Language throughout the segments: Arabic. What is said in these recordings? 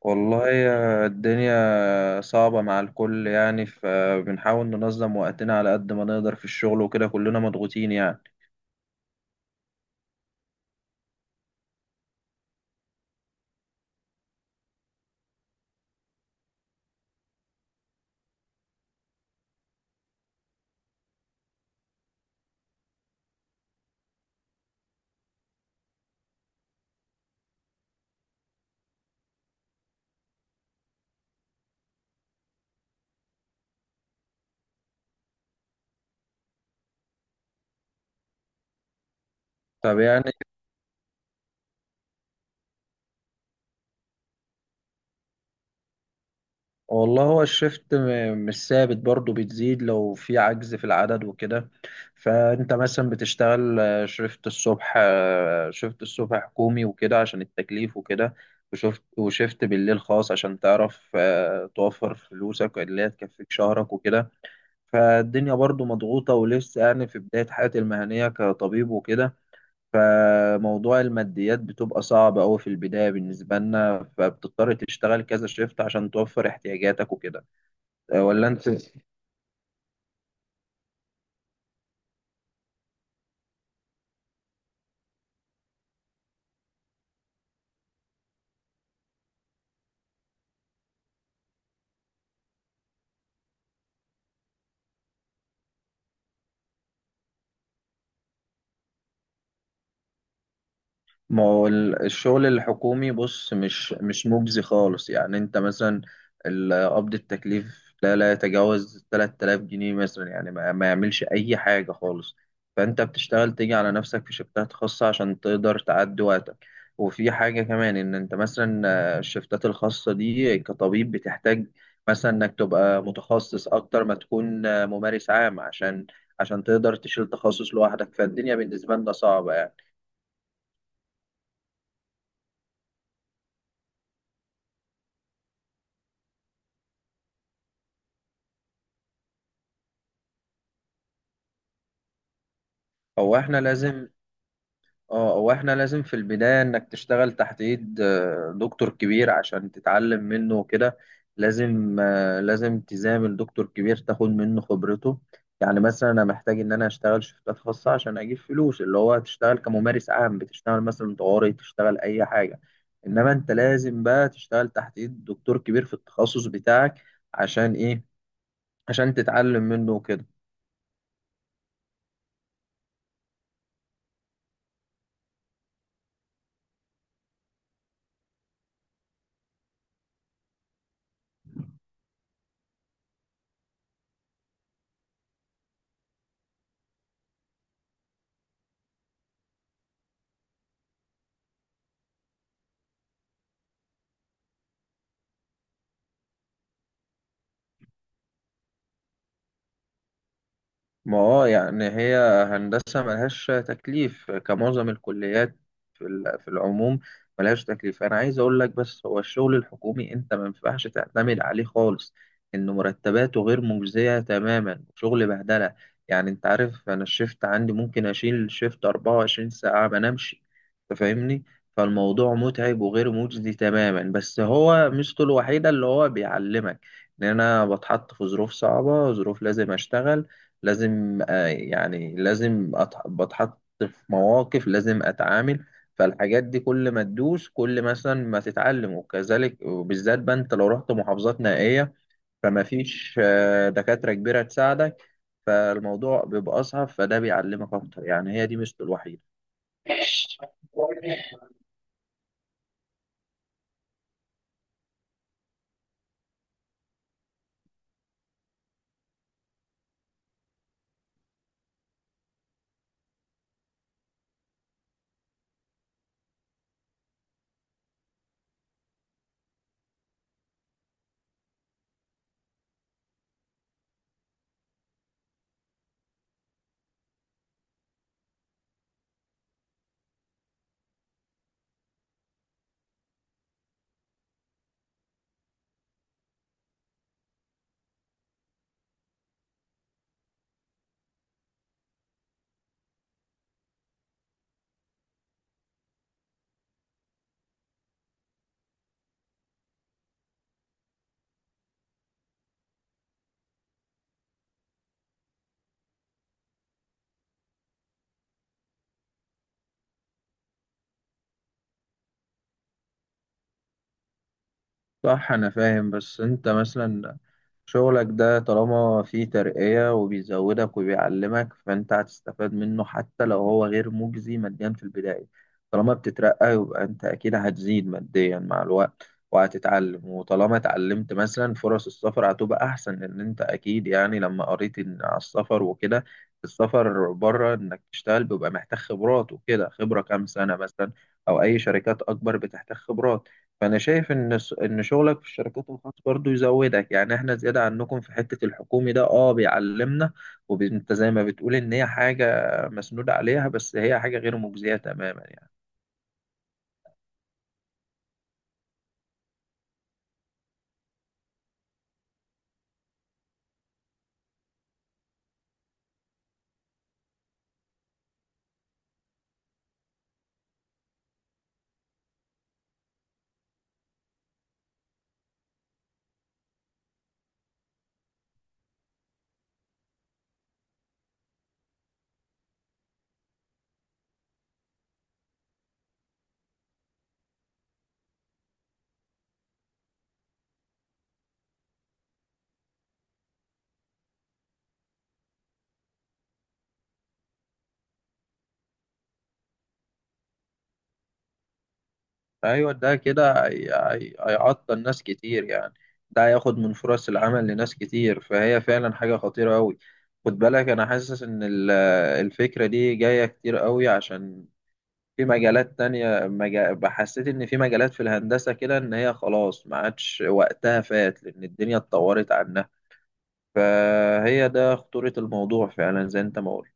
والله يا الدنيا صعبة مع الكل، يعني فبنحاول ننظم وقتنا على قد ما نقدر في الشغل وكده، كلنا مضغوطين يعني. طب يعني. والله هو الشفت مش ثابت برضه، بتزيد لو في عجز في العدد وكده. فأنت مثلا بتشتغل شفت الصبح حكومي وكده عشان التكليف وكده، وشفت بالليل خاص عشان تعرف توفر فلوسك اللي هي تكفيك شهرك وكده. فالدنيا برضو مضغوطة، ولسه يعني في بداية حياتي المهنية كطبيب وكده. فموضوع الماديات بتبقى صعبة أوي في البداية بالنسبة لنا، فبتضطر تشتغل كذا شيفت عشان توفر احتياجاتك وكده. أه، ولا أنت. ما هو الشغل الحكومي بص مش مجزي خالص، يعني انت مثلا قبض التكليف لا لا يتجاوز 3000 جنيه مثلا، يعني ما يعملش اي حاجة خالص. فانت بتشتغل تيجي على نفسك في شفتات خاصة عشان تقدر تعدي وقتك. وفي حاجة كمان ان انت مثلا الشفتات الخاصة دي كطبيب بتحتاج مثلا انك تبقى متخصص اكتر ما تكون ممارس عام عشان تقدر تشيل تخصص لوحدك. فالدنيا بالنسبة لنا صعبة يعني. هو احنا لازم اه هو احنا لازم في البداية انك تشتغل تحت ايد دكتور كبير عشان تتعلم منه وكده. لازم تزامل دكتور كبير تاخد منه خبرته. يعني مثلا انا محتاج ان انا اشتغل شفتات خاصة عشان اجيب فلوس، اللي هو تشتغل كممارس عام بتشتغل مثلا طوارئ تشتغل اي حاجة. انما انت لازم بقى تشتغل تحت ايد دكتور كبير في التخصص بتاعك. عشان ايه؟ عشان تتعلم منه وكده. ما هو يعني هي هندسة ملهاش تكليف كمعظم الكليات في العموم، ملهاش تكليف. أنا عايز أقول لك بس هو الشغل الحكومي أنت ما ينفعش تعتمد عليه خالص، إن مرتباته غير مجزية تماما، شغل بهدلة. يعني أنت عارف أنا الشيفت عندي ممكن أشيل شيفت 24 ساعة ما نمشي. أنت فاهمني. فالموضوع متعب وغير مجزي تماما، بس هو ميزته الوحيدة اللي هو بيعلمك إن أنا بتحط في ظروف صعبة، ظروف لازم أشتغل، لازم آه، يعني لازم أتح- بتحط في مواقف لازم اتعامل. فالحاجات دي كل ما تدوس، كل مثلا ما تتعلم وكذلك، وبالذات بقى انت لو رحت محافظات نائية فما فيش دكاترة كبيرة تساعدك، فالموضوع بيبقى اصعب، فده بيعلمك اكتر يعني. هي دي ميزته الوحيدة. صح. أنا فاهم. بس أنت مثلا شغلك ده طالما فيه ترقية وبيزودك وبيعلمك فأنت هتستفاد منه حتى لو هو غير مجزي ماديا في البداية. طالما بتترقى يبقى أنت أكيد هتزيد ماديا مع الوقت، وهتتعلم. وطالما اتعلمت مثلا، فرص السفر هتبقى أحسن، لأن أنت أكيد يعني لما قريت إن على السفر وكده، السفر بره إنك تشتغل بيبقى محتاج خبرات وكده، خبرة كام سنة مثلا أو أي شركات أكبر بتحتاج خبرات. فأنا شايف إن إن شغلك في الشركات الخاصة برضو يزودك. يعني إحنا زيادة عنكم في حتة الحكومي ده أه بيعلمنا. وأنت زي ما بتقول إن هي حاجة مسنودة عليها، بس هي حاجة غير مجزية تماما يعني. أيوة، ده كده هيعطل ناس كتير يعني. ده هياخد من فرص العمل لناس كتير، فهي فعلا حاجة خطيرة أوي. خد بالك أنا حاسس إن الفكرة دي جاية كتير أوي عشان في مجالات تانية، حسيت إن في مجالات في الهندسة كده إن هي خلاص ما عادش وقتها، فات لأن الدنيا اتطورت عنها. فهي ده خطورة الموضوع فعلا، زي أنت ما قلت.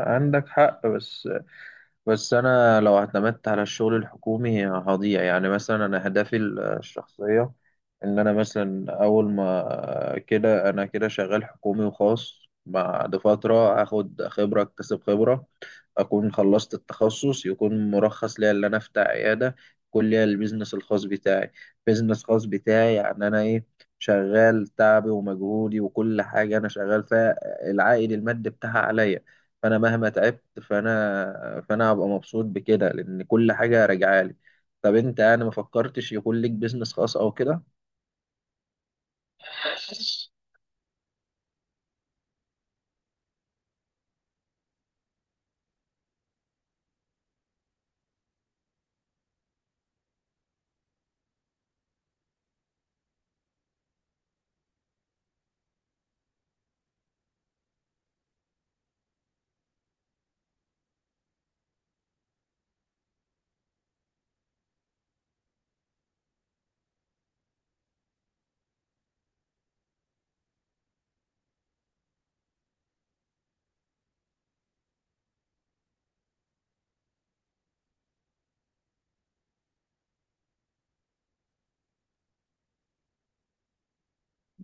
عندك حق بس. بس انا لو اعتمدت على الشغل الحكومي هضيع، يعني مثلا انا اهدافي الشخصيه ان انا مثلا اول ما كده انا كده شغال حكومي وخاص بعد فتره اخد خبره، اكتسب خبره، اكون خلصت التخصص، يكون مرخص ليا ان انا افتح عياده، يكون ليا البيزنس الخاص بتاعي. بيزنس خاص بتاعي يعني انا ايه، شغال تعبي ومجهودي وكل حاجه انا شغال فيها، العائد المادي بتاعها عليا. فانا مهما تعبت فانا هبقى مبسوط بكده، لان كل حاجه راجعه لي. طب انت يعني ما فكرتش يكون ليك بيزنس خاص او كده؟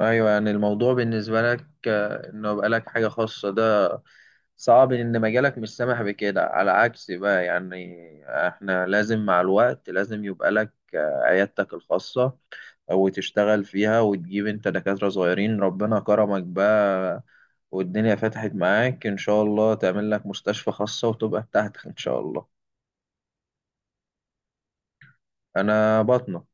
ايوه، يعني الموضوع بالنسبه لك انه يبقى لك حاجه خاصه ده صعب، ان مجالك مش سامح بكده، على عكس بقى يعني احنا لازم مع الوقت لازم يبقى لك عيادتك الخاصه وتشتغل فيها وتجيب انت دكاتره صغيرين. ربنا كرمك بقى والدنيا فتحت معاك، إن شاء الله تعمل لك مستشفى خاصة وتبقى بتاعتك إن شاء الله. أنا بطنة.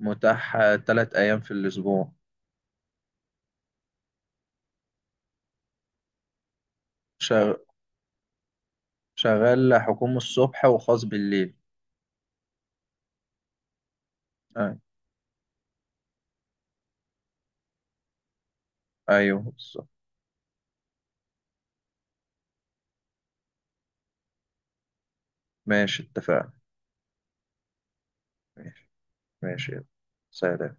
متاح 3 أيام في الأسبوع. شغ... شغال حكومة الصبح وخاص بالليل. أي- أيوه بالظبط. ماشي اتفقنا. ماشي ماشي يلا. سلام.